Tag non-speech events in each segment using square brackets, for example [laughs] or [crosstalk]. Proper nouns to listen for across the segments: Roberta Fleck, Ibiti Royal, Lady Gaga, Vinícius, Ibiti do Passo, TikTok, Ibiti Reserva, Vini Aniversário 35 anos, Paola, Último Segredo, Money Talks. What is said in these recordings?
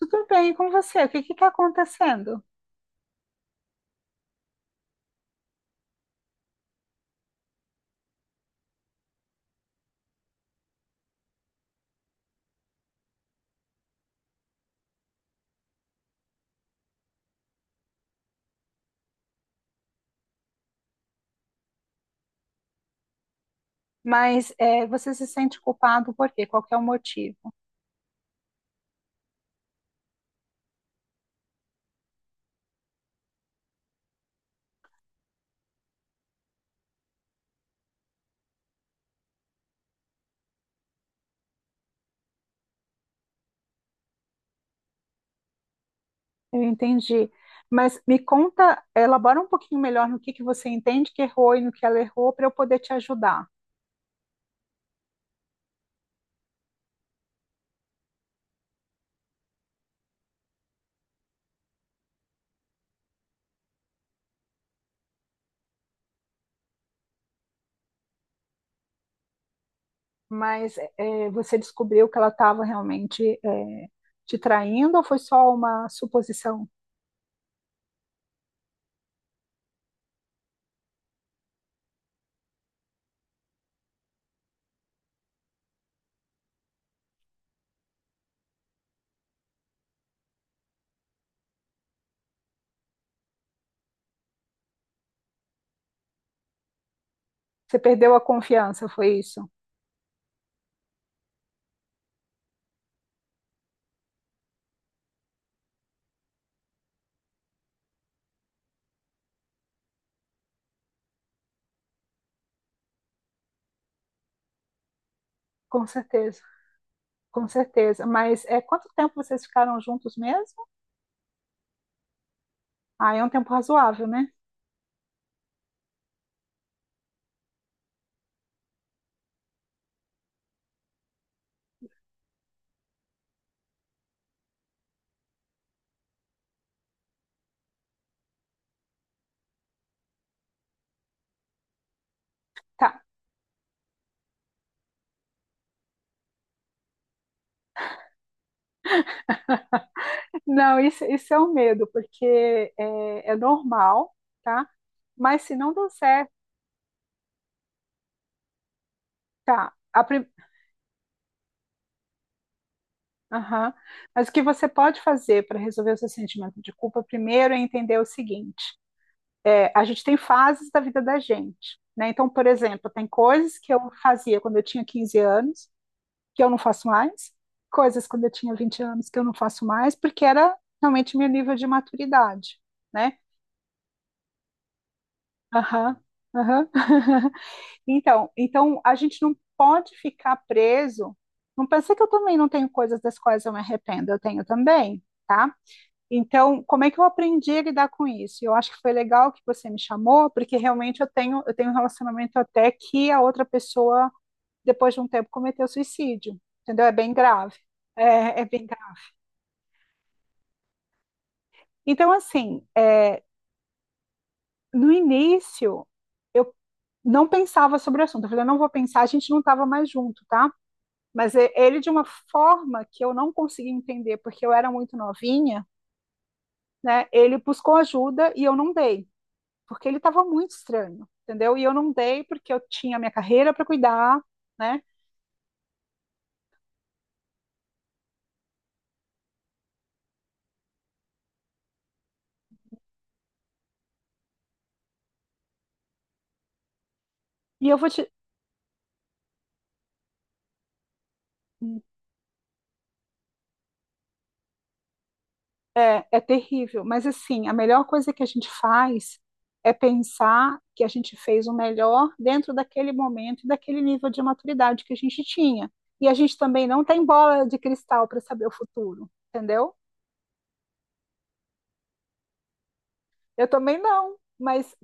Tudo bem com você? O que que está acontecendo? Mas você se sente culpado por quê? Qual que é o motivo? Eu entendi. Mas me conta, elabora um pouquinho melhor no que você entende que errou e no que ela errou para eu poder te ajudar. Mas você descobriu que ela estava realmente te traindo ou foi só uma suposição? Você perdeu a confiança, foi isso? Com certeza, com certeza. Mas quanto tempo vocês ficaram juntos mesmo? Ah, é um tempo razoável, né? Tá. Não, isso é um medo, porque é normal, tá? Mas se não der certo, tá? A prim... Aham. Mas o que você pode fazer para resolver o seu sentimento de culpa primeiro é entender o seguinte: a gente tem fases da vida da gente, né? Então, por exemplo, tem coisas que eu fazia quando eu tinha 15 anos, que eu não faço mais, coisas quando eu tinha 20 anos que eu não faço mais, porque era realmente meu nível de maturidade, né? Aham, aham. [laughs] Então a gente não pode ficar preso. Não pensei que eu também não tenho coisas das quais eu me arrependo, eu tenho também, tá? Então, como é que eu aprendi a lidar com isso? Eu acho que foi legal que você me chamou, porque realmente eu tenho um relacionamento até que a outra pessoa, depois de um tempo, cometeu suicídio, entendeu? É bem grave. É, é bem grave. Então, assim, no início, eu não pensava sobre o assunto. Eu falei, eu não vou pensar, a gente não estava mais junto, tá? Mas ele, de uma forma que eu não consegui entender, porque eu era muito novinha, né? Ele buscou ajuda e eu não dei, porque ele estava muito estranho, entendeu? E eu não dei porque eu tinha minha carreira para cuidar, né? E eu vou te. É, é terrível, mas assim, a melhor coisa que a gente faz é pensar que a gente fez o melhor dentro daquele momento e daquele nível de maturidade que a gente tinha. E a gente também não tem bola de cristal para saber o futuro, entendeu? Eu também não, mas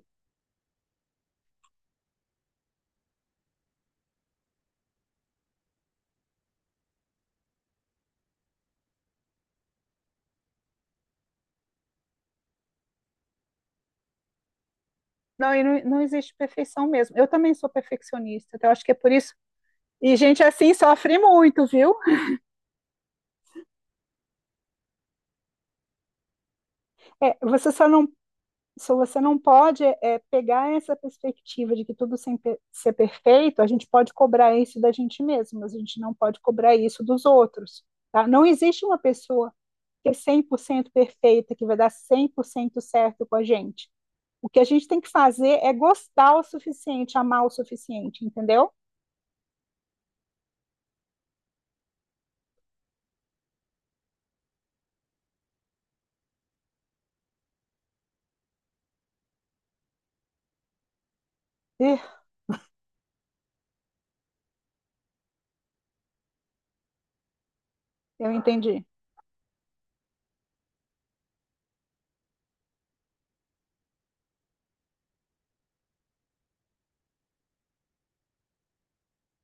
não, e não existe perfeição mesmo. Eu também sou perfeccionista, então eu acho que é por isso. E gente assim sofre muito, viu? É, você só não, se você não pode pegar essa perspectiva de que tudo sem ser perfeito, a gente pode cobrar isso da gente mesmo, mas a gente não pode cobrar isso dos outros. Tá? Não existe uma pessoa que é 100% perfeita, que vai dar 100% certo com a gente. O que a gente tem que fazer é gostar o suficiente, amar o suficiente, entendeu? Ih, eu entendi.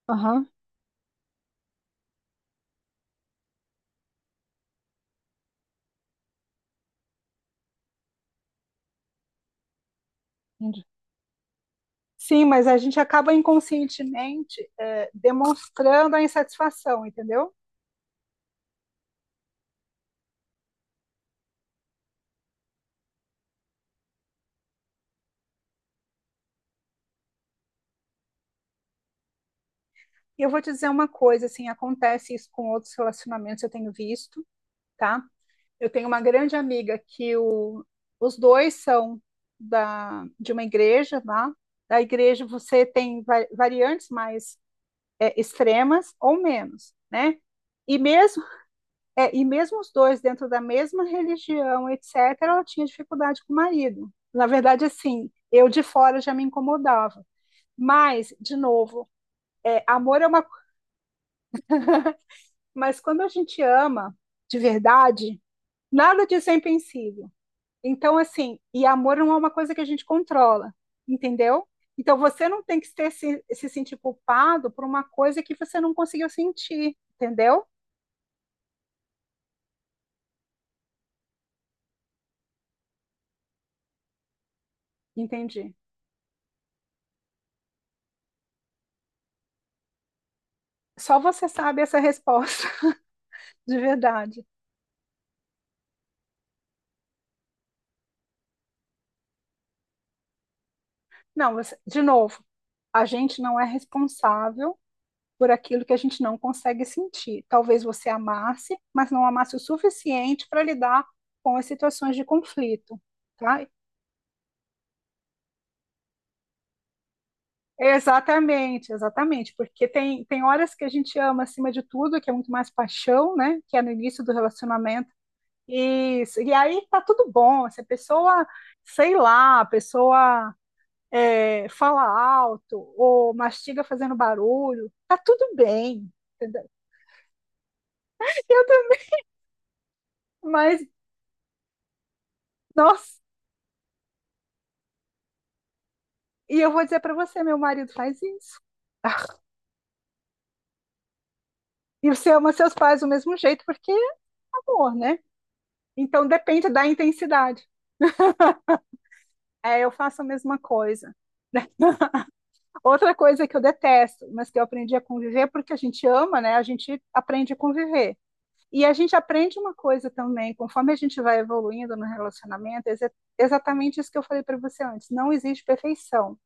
Aham, entendi. Sim, mas a gente acaba inconscientemente demonstrando a insatisfação, entendeu? Eu vou te dizer uma coisa, assim, acontece isso com outros relacionamentos, eu tenho visto, tá? Eu tenho uma grande amiga que o, os dois são da, de uma igreja, tá? Da igreja você tem variantes mais extremas ou menos, né? E mesmo, e mesmo os dois dentro da mesma religião, etc., ela tinha dificuldade com o marido. Na verdade, assim, eu de fora já me incomodava. Mas, de novo, amor é uma. Mas quando a gente ama de verdade, nada disso é impensável. Então, assim, e amor não é uma coisa que a gente controla, entendeu? Então, você não tem que ter, se sentir culpado por uma coisa que você não conseguiu sentir, entendeu? Entendi. Só você sabe essa resposta, [laughs] de verdade. Não, você- de novo, a gente não é responsável por aquilo que a gente não consegue sentir. Talvez você amasse, mas não amasse o suficiente para lidar com as situações de conflito, tá? Exatamente, exatamente, porque tem horas que a gente ama acima de tudo, que é muito mais paixão, né? Que é no início do relacionamento. Isso, e aí tá tudo bom. Se a pessoa, sei lá, a pessoa fala alto ou mastiga fazendo barulho, tá tudo bem, entendeu? Eu também, mas, nossa, e eu vou dizer para você, meu marido faz isso. [laughs] E você ama seus pais do mesmo jeito, porque é amor, né? Então depende da intensidade. É, eu faço a mesma coisa. Né? Outra coisa que eu detesto, mas que eu aprendi a conviver, porque a gente ama, né? A gente aprende a conviver. E a gente aprende uma coisa também, conforme a gente vai evoluindo no relacionamento, é exatamente isso que eu falei para você antes. Não existe perfeição.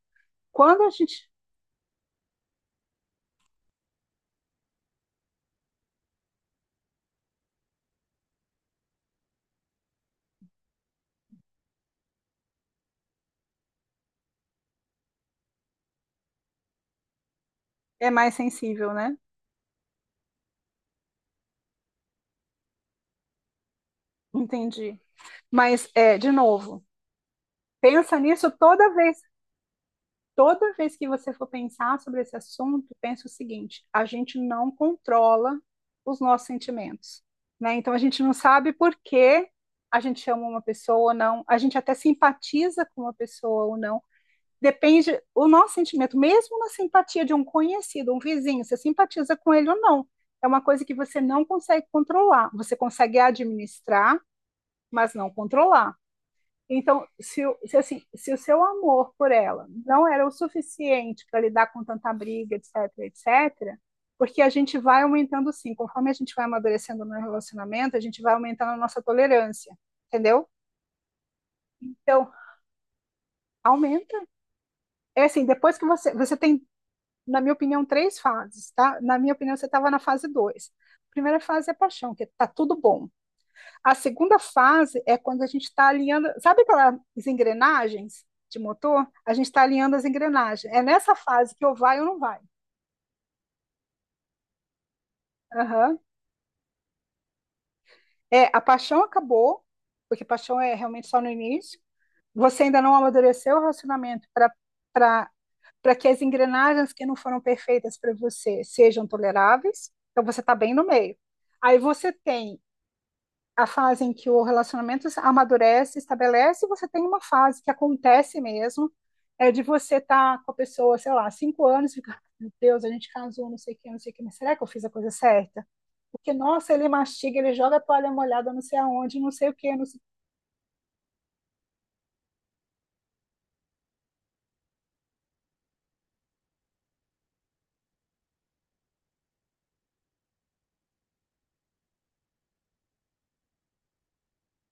Quando a gente é mais sensível, né? Entendi. Mas, de novo, pensa nisso toda vez que você for pensar sobre esse assunto, pense o seguinte: a gente não controla os nossos sentimentos, né? Então a gente não sabe por que a gente ama uma pessoa ou não, a gente até simpatiza com uma pessoa ou não. Depende o nosso sentimento, mesmo na simpatia de um conhecido, um vizinho, você simpatiza com ele ou não. É uma coisa que você não consegue controlar. Você consegue administrar, mas não controlar. Então, se, assim, se o seu amor por ela não era o suficiente para lidar com tanta briga, etc, etc, porque a gente vai aumentando sim, conforme a gente vai amadurecendo no relacionamento, a gente vai aumentando a nossa tolerância, entendeu? Então, aumenta. É assim, depois que você, você tem, na minha opinião, três fases, tá? Na minha opinião, você estava na fase dois. A primeira fase é paixão, que tá tudo bom. A segunda fase é quando a gente está alinhando, sabe aquelas engrenagens de motor? A gente está alinhando as engrenagens. É nessa fase que eu vai ou não vai. Aham. É, a paixão acabou, porque paixão é realmente só no início. Você ainda não amadureceu o relacionamento para para que as engrenagens que não foram perfeitas para você sejam toleráveis. Então você está bem no meio. Aí você tem a fase em que o relacionamento amadurece, estabelece, você tem uma fase que acontece mesmo, é de você estar tá com a pessoa, sei lá, 5 anos, e ficar, meu Deus, a gente casou, não sei o que, não sei o que, mas será que eu fiz a coisa certa? Porque, nossa, ele mastiga, ele joga a toalha molhada não sei aonde, não sei o que, não sei...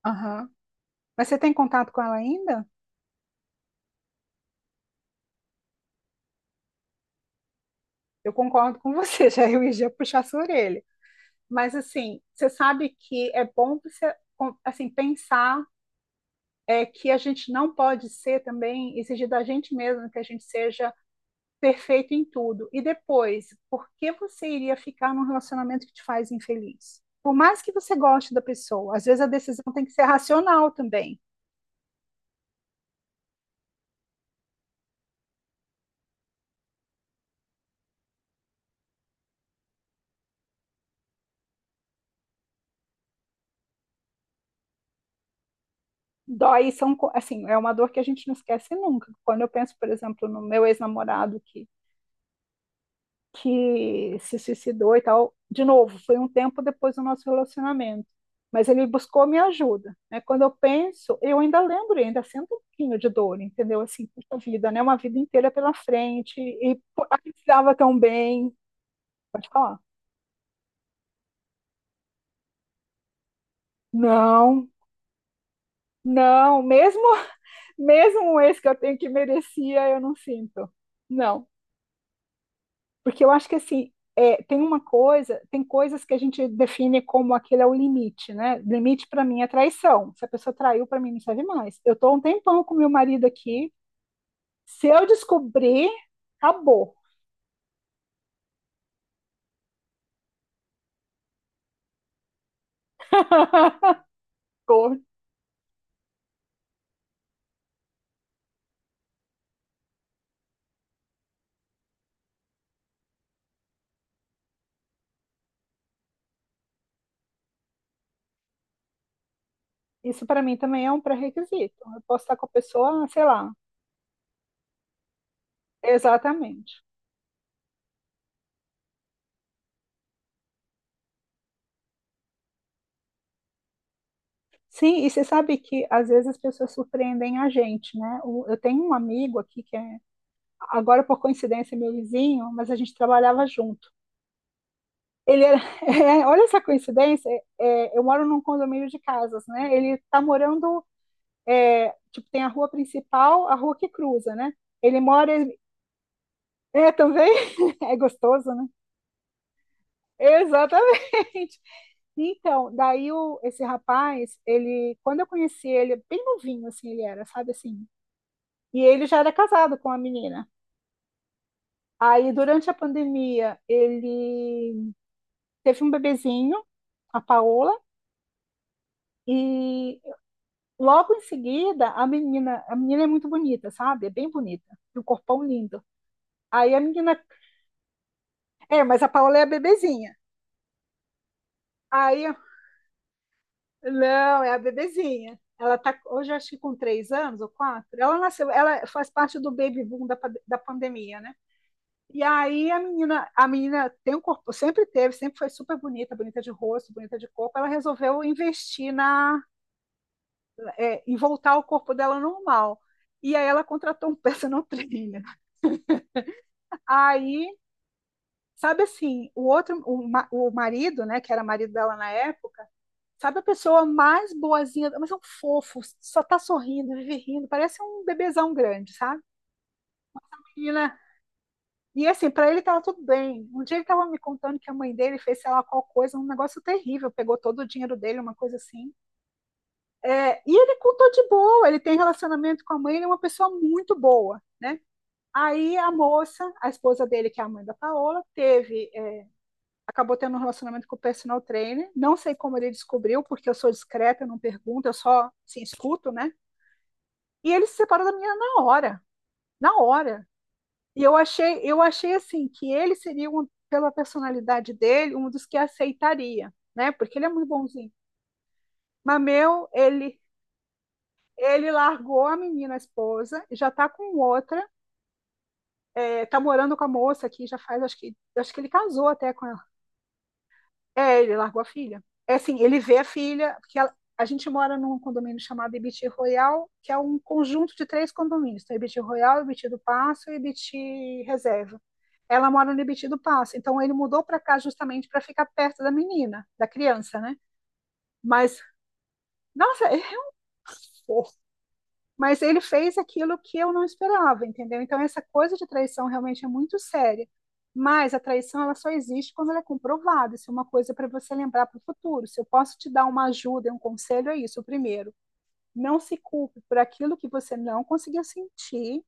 Aham. Mas você tem contato com ela ainda? Eu concordo com você, [laughs] já eu ia puxar sua orelha. Mas, assim, você sabe que é bom você, assim, pensar que a gente não pode ser também exigir da gente mesmo que a gente seja perfeito em tudo. E depois, por que você iria ficar num relacionamento que te faz infeliz? Por mais que você goste da pessoa, às vezes a decisão tem que ser racional também. Dói são assim, é uma dor que a gente não esquece nunca. Quando eu penso, por exemplo, no meu ex-namorado que se suicidou e tal. De novo, foi um tempo depois do nosso relacionamento, mas ele buscou minha ajuda, né? Quando eu penso, eu ainda lembro, eu ainda sinto um pouquinho de dor, entendeu? Assim, puxa vida, né? Uma vida inteira pela frente e pô, a gente estava tão bem. Pode falar. Não, não, mesmo [laughs] mesmo um ex que eu tenho que merecia, eu não sinto. Não. Porque eu acho que assim, tem uma coisa, tem coisas que a gente define como aquele é o limite, né? Limite para mim é traição. Se a pessoa traiu, para mim não serve mais. Eu tô há um tempão com meu marido aqui. Se eu descobrir, acabou. [laughs] Cor-. Isso para mim também é um pré-requisito. Eu posso estar com a pessoa, sei lá, exatamente. Sim, e você sabe que às vezes as pessoas surpreendem a gente, né? O- eu tenho um amigo aqui que é, agora por coincidência, é meu vizinho, mas a gente trabalhava junto. Ele era, [laughs] é, olha essa coincidência, é, eu moro num condomínio de casas, né? Ele está morando, é, tipo, tem a rua principal, a rua que cruza, né? Ele mora, é, também, [laughs] é gostoso, né? Exatamente. Então, daí o, esse rapaz, ele, quando eu conheci ele, bem novinho assim ele era, sabe assim? E ele já era casado com a menina. Aí, durante a pandemia, ele teve um bebezinho, a Paola, e logo em seguida, a menina é muito bonita, sabe? É bem bonita, e um corpão lindo. Aí a menina, é, mas a Paola é a bebezinha. Aí, não, é a bebezinha. Ela tá, hoje acho que com 3 anos ou quatro. Ela nasceu, ela faz parte do baby boom da, da pandemia, né? E aí a menina tem um corpo, sempre teve, sempre foi super bonita, bonita de rosto, bonita de corpo. Ela resolveu investir na, em voltar ao corpo dela normal. E aí ela contratou um personal trainer. Aí sabe assim, o outro, o, o marido, né, que era marido dela na época, sabe a pessoa mais boazinha, mas é um fofo, só tá sorrindo, vive rindo, parece um bebezão grande, sabe? E, né, e assim, pra ele tava tudo bem. Um dia ele tava me contando que a mãe dele fez, sei lá, qual coisa, um negócio terrível, pegou todo o dinheiro dele, uma coisa assim. É, e ele contou de boa, ele tem relacionamento com a mãe, ele é uma pessoa muito boa, né? Aí a moça, a esposa dele, que é a mãe da Paola, teve acabou tendo um relacionamento com o personal trainer. Não sei como ele descobriu, porque eu sou discreta, eu não pergunto, eu só assim, escuto, né? E ele se separou da menina na hora, na hora. E eu achei assim que ele seria um, pela personalidade dele, um dos que aceitaria, né? Porque ele é muito bonzinho. Mas meu, ele largou a menina, a esposa, já tá com outra, tá morando com a moça aqui, já faz, acho que ele casou até com. É, ele largou a filha. É assim, ele vê a filha, porque ela- a gente mora num condomínio chamado Ibiti Royal, que é um conjunto de três condomínios. Então, Ibiti Royal, Ibiti do Passo e Ibiti Reserva. Ela mora no Ibiti do Passo, então ele mudou para cá justamente para ficar perto da menina, da criança, né? Mas, nossa, [laughs] é, mas ele fez aquilo que eu não esperava, entendeu? Então essa coisa de traição realmente é muito séria. Mas a traição ela só existe quando ela é comprovada. Isso é uma coisa para você lembrar para o futuro. Se eu posso te dar uma ajuda, um conselho, é isso. Primeiro, não se culpe por aquilo que você não conseguiu sentir.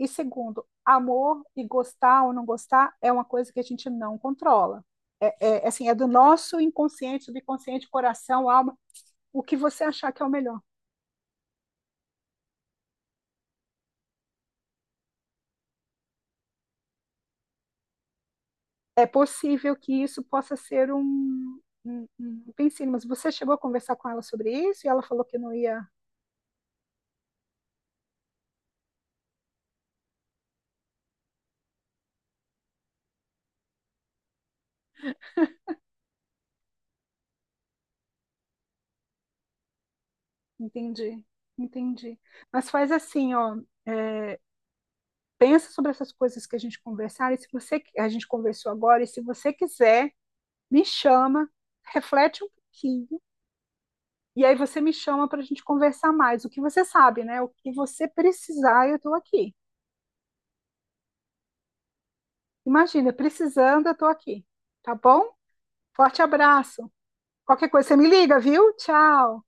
E segundo, amor e gostar ou não gostar é uma coisa que a gente não controla. Assim, é do nosso inconsciente, do inconsciente, coração, alma, o que você achar que é o melhor. É possível que isso possa ser um, um, um pensino, mas você chegou a conversar com ela sobre isso e ela falou que não ia. Entendi, entendi. Mas faz assim, ó, é, pensa sobre essas coisas que a gente conversar, e se você a gente conversou agora, e se você quiser, me chama, reflete um pouquinho, e aí você me chama para a gente conversar mais. O que você sabe, né? O que você precisar, eu estou aqui. Imagina, precisando, eu estou aqui. Tá bom? Forte abraço. Qualquer coisa, você me liga, viu? Tchau.